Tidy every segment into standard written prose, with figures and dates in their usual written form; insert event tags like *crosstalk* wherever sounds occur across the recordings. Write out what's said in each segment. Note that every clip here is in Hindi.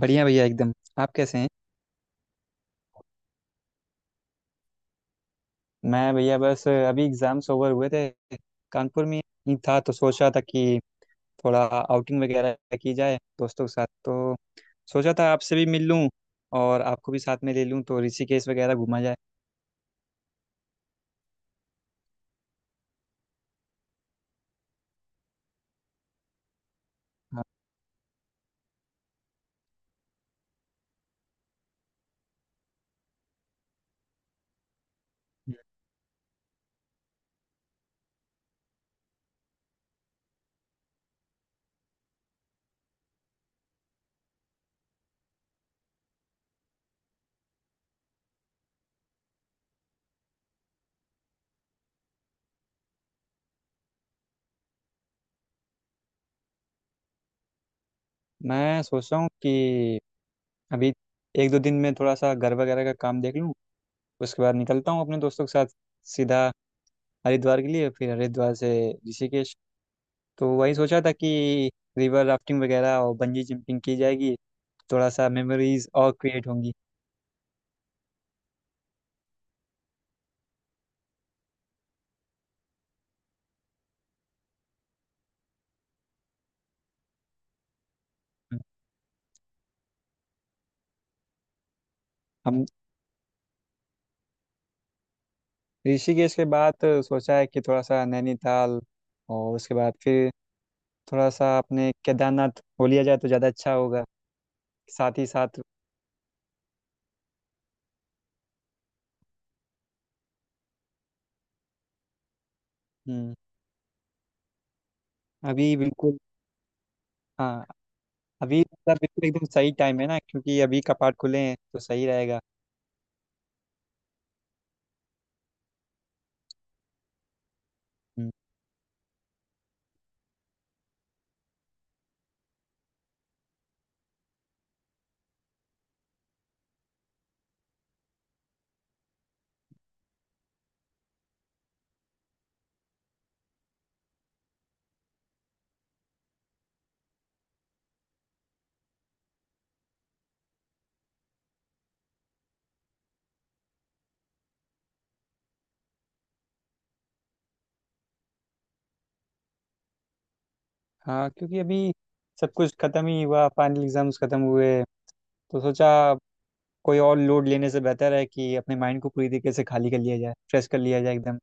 बढ़िया भैया एकदम। आप कैसे हैं। मैं भैया बस अभी एग्जाम्स ओवर हुए थे। कानपुर में ही था तो सोच रहा था कि थोड़ा आउटिंग वगैरह की जाए दोस्तों के साथ। तो सोचा था आपसे भी मिल लूं और आपको भी साथ में ले लूं, तो ऋषिकेश वगैरह घूमा जाए। हाँ, मैं सोच रहा हूँ कि अभी एक दो दिन में थोड़ा सा घर वगैरह का काम देख लूँ। उसके बाद निकलता हूँ अपने दोस्तों के साथ सीधा हरिद्वार के लिए, फिर हरिद्वार से ऋषिकेश। तो वही सोचा था कि रिवर राफ्टिंग वगैरह और बंजी जंपिंग की जाएगी, थोड़ा सा मेमोरीज और क्रिएट होंगी। हम ऋषिकेश के बाद सोचा है कि थोड़ा सा नैनीताल और उसके बाद फिर थोड़ा सा अपने केदारनाथ हो लिया जाए तो ज़्यादा अच्छा होगा साथ ही साथ। हम्म, अभी बिल्कुल। हाँ, अभी मतलब बिल्कुल एकदम सही टाइम है ना, क्योंकि अभी कपाट खुले हैं तो सही रहेगा। हम्म। हाँ, क्योंकि अभी सब कुछ खत्म ही हुआ, फाइनल एग्जाम्स खत्म हुए, तो सोचा कोई और लोड लेने से बेहतर है कि अपने माइंड को पूरी तरीके से खाली कर लिया जाए, फ्रेश कर लिया जाए एकदम।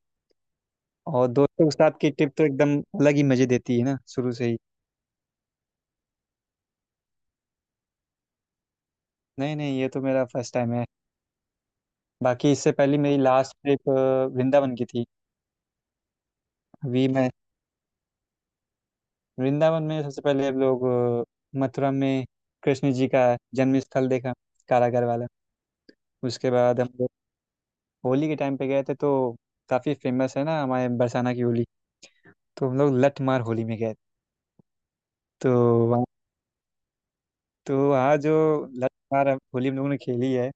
और दोस्तों के साथ की ट्रिप तो एकदम अलग ही मजे देती है ना शुरू से ही। नहीं नहीं, ये तो मेरा फर्स्ट टाइम है। बाकी इससे पहले मेरी लास्ट ट्रिप वृंदावन की थी। अभी मैं वृंदावन में सबसे पहले हम लोग मथुरा में कृष्ण जी का जन्म स्थल देखा, कारागर वाला। उसके बाद हम लोग होली के टाइम पे गए थे। तो काफ़ी फेमस है ना हमारे बरसाना की होली, तो हम लोग लठ मार होली में गए। तो तो वहाँ जो लगातार होली हम लोगों ने खेली है।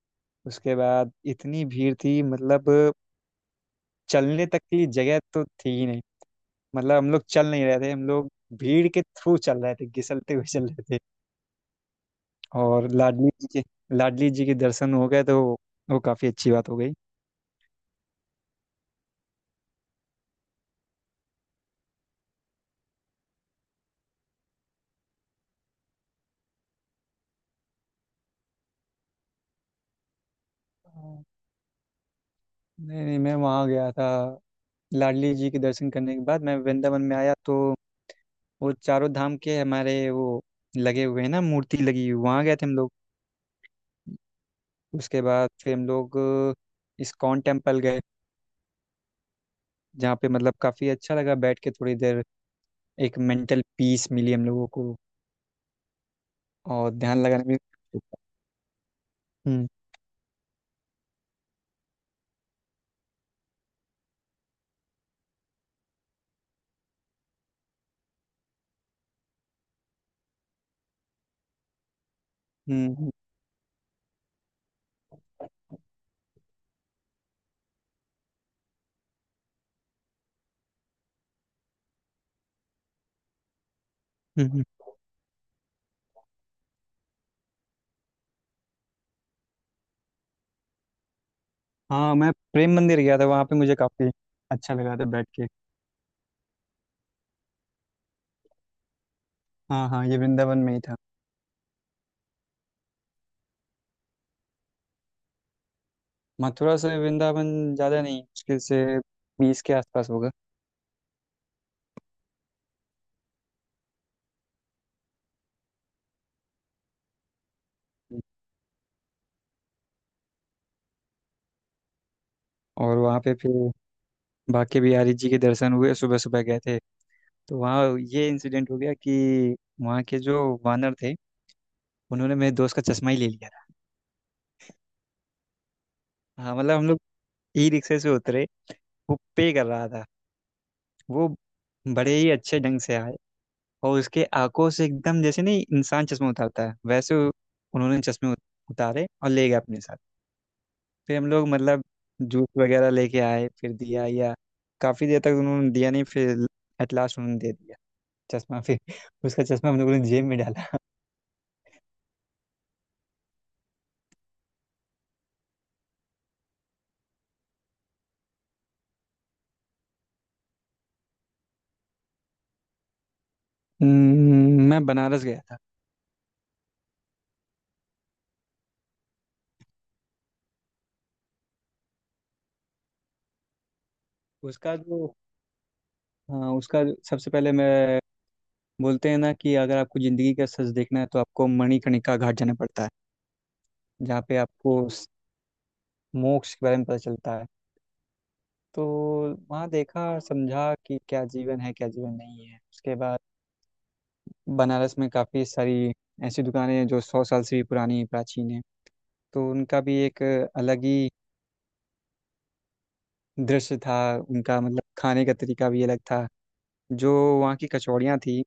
उसके बाद इतनी भीड़ थी मतलब, चलने तक की जगह तो थी ही नहीं। मतलब हम लोग चल नहीं रहे थे, हम लोग भीड़ के थ्रू चल रहे थे, घिसलते हुए चल रहे थे। और लाडली जी के दर्शन हो गए तो वो काफ़ी अच्छी बात हो गई। हाँ। नहीं नहीं, मैं वहाँ गया था। लाडली जी के दर्शन करने के बाद मैं वृंदावन में आया, तो वो चारों धाम के हमारे वो लगे हुए हैं ना, मूर्ति लगी हुई, वहाँ गए थे हम लोग। उसके बाद फिर हम लोग इस्कॉन टेम्पल गए, जहाँ पे मतलब काफ़ी अच्छा लगा बैठ के थोड़ी देर। एक मेंटल पीस मिली हम लोगों को और ध्यान लगाने में। *laughs* हम्म हम्म। हम्म। हम्म। हम्म। हाँ, मैं प्रेम मंदिर गया था, वहाँ पे मुझे काफ़ी अच्छा लगा था बैठ के। हाँ हाँ, ये वृंदावन में ही था। मथुरा से वृंदावन ज़्यादा नहीं, मुश्किल से 20 के आसपास होगा। और वहाँ पे फिर बाके बिहारी जी के दर्शन हुए, सुबह सुबह गए थे। तो वहाँ ये इंसिडेंट हो गया कि वहाँ के जो वानर थे, उन्होंने मेरे दोस्त का चश्मा ही ले लिया था। हाँ मतलब हम लोग ई रिक्शे से उतरे, वो पे कर रहा था। वो बड़े ही अच्छे ढंग से आए और उसके आंखों से एकदम जैसे नहीं इंसान चश्मा उतारता है वैसे उन्होंने चश्मे उत- उतारे और ले गए अपने साथ। फिर हम लोग मतलब जूस वगैरह लेके आए, फिर दिया या काफ़ी देर तक उन्होंने दिया नहीं, फिर एट लास्ट उन्होंने दे दिया चश्मा। फिर उसका चश्मा हम लोगों ने जेब में डाला। मैं बनारस गया था। उसका जो हाँ, सबसे पहले मैं, बोलते हैं ना कि अगर आपको जिंदगी का सच देखना है तो आपको मणिकर्णिका घाट जाना पड़ता है, जहाँ पे आपको मोक्ष के बारे में पता चलता है। तो वहाँ देखा और समझा कि क्या जीवन है क्या जीवन नहीं है। उसके बाद बनारस में काफ़ी सारी ऐसी दुकानें हैं जो 100 साल से भी पुरानी प्राचीन है, तो उनका भी एक अलग ही दृश्य था। उनका मतलब खाने का तरीका भी अलग था। जो वहाँ की कचौड़ियाँ थी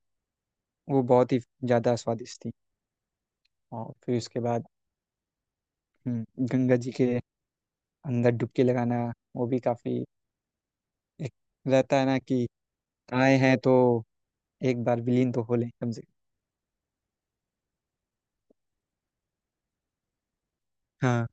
वो बहुत ही ज़्यादा स्वादिष्ट थी। और फिर उसके बाद हम्म, गंगा जी के अंदर डुबकी लगाना, वो भी काफी एक, रहता है ना कि आए हैं तो एक बार विलीन तो हो लें कम से कम। हाँ।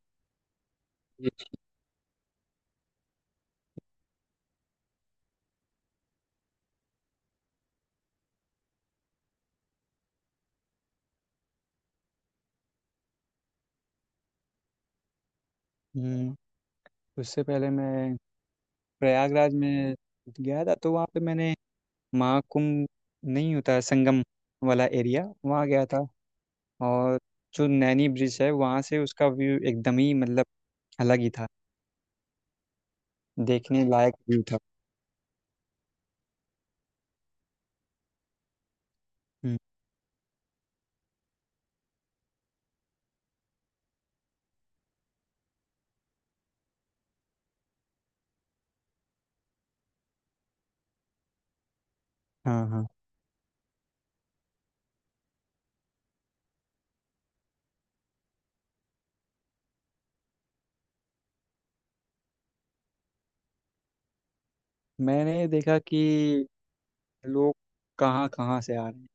हम्म, उससे पहले मैं प्रयागराज में गया था, तो वहाँ पे मैंने महाकुंभ, नहीं होता है संगम वाला एरिया, वहाँ गया था। और जो नैनी ब्रिज है, वहाँ से उसका व्यू एकदम ही मतलब अलग ही था, देखने लायक व्यू था। हम्म। हाँ हाँ, मैंने देखा कि लोग कहाँ कहाँ से आ रहे हैं।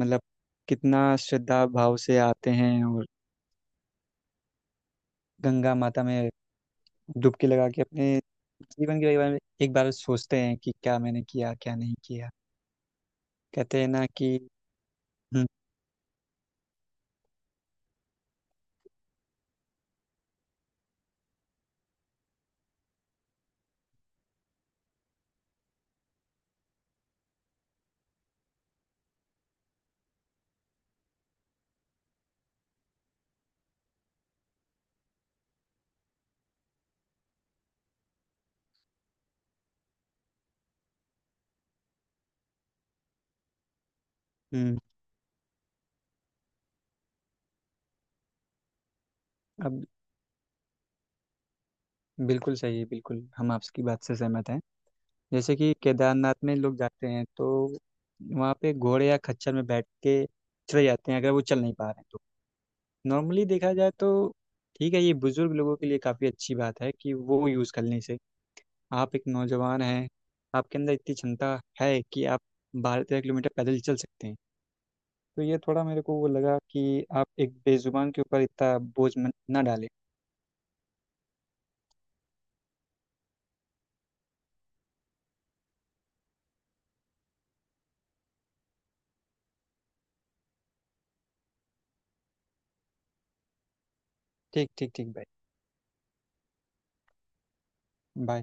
मतलब कितना श्रद्धा भाव से आते हैं और गंगा माता में डुबकी लगा के अपने जीवन के बारे में एक बार सोचते हैं कि क्या मैंने किया क्या नहीं किया। कहते हैं ना कि, हम्म हम्म। अब बिल्कुल सही है, बिल्कुल हम आपकी बात से सहमत हैं। जैसे कि केदारनाथ में लोग जाते हैं तो वहाँ पे घोड़े या खच्चर में बैठ के चले जाते हैं अगर वो चल नहीं पा रहे हैं तो। नॉर्मली देखा जाए तो ठीक है, ये बुजुर्ग लोगों के लिए काफ़ी अच्छी बात है कि वो यूज़ करने से। आप एक नौजवान हैं, आपके अंदर इतनी क्षमता है कि आप 12-13 किलोमीटर पैदल चल सकते हैं, तो ये थोड़ा मेरे को वो लगा कि आप एक बेजुबान के ऊपर इतना बोझ ना डालें। ठीक ठीक ठीक भाई। बाय।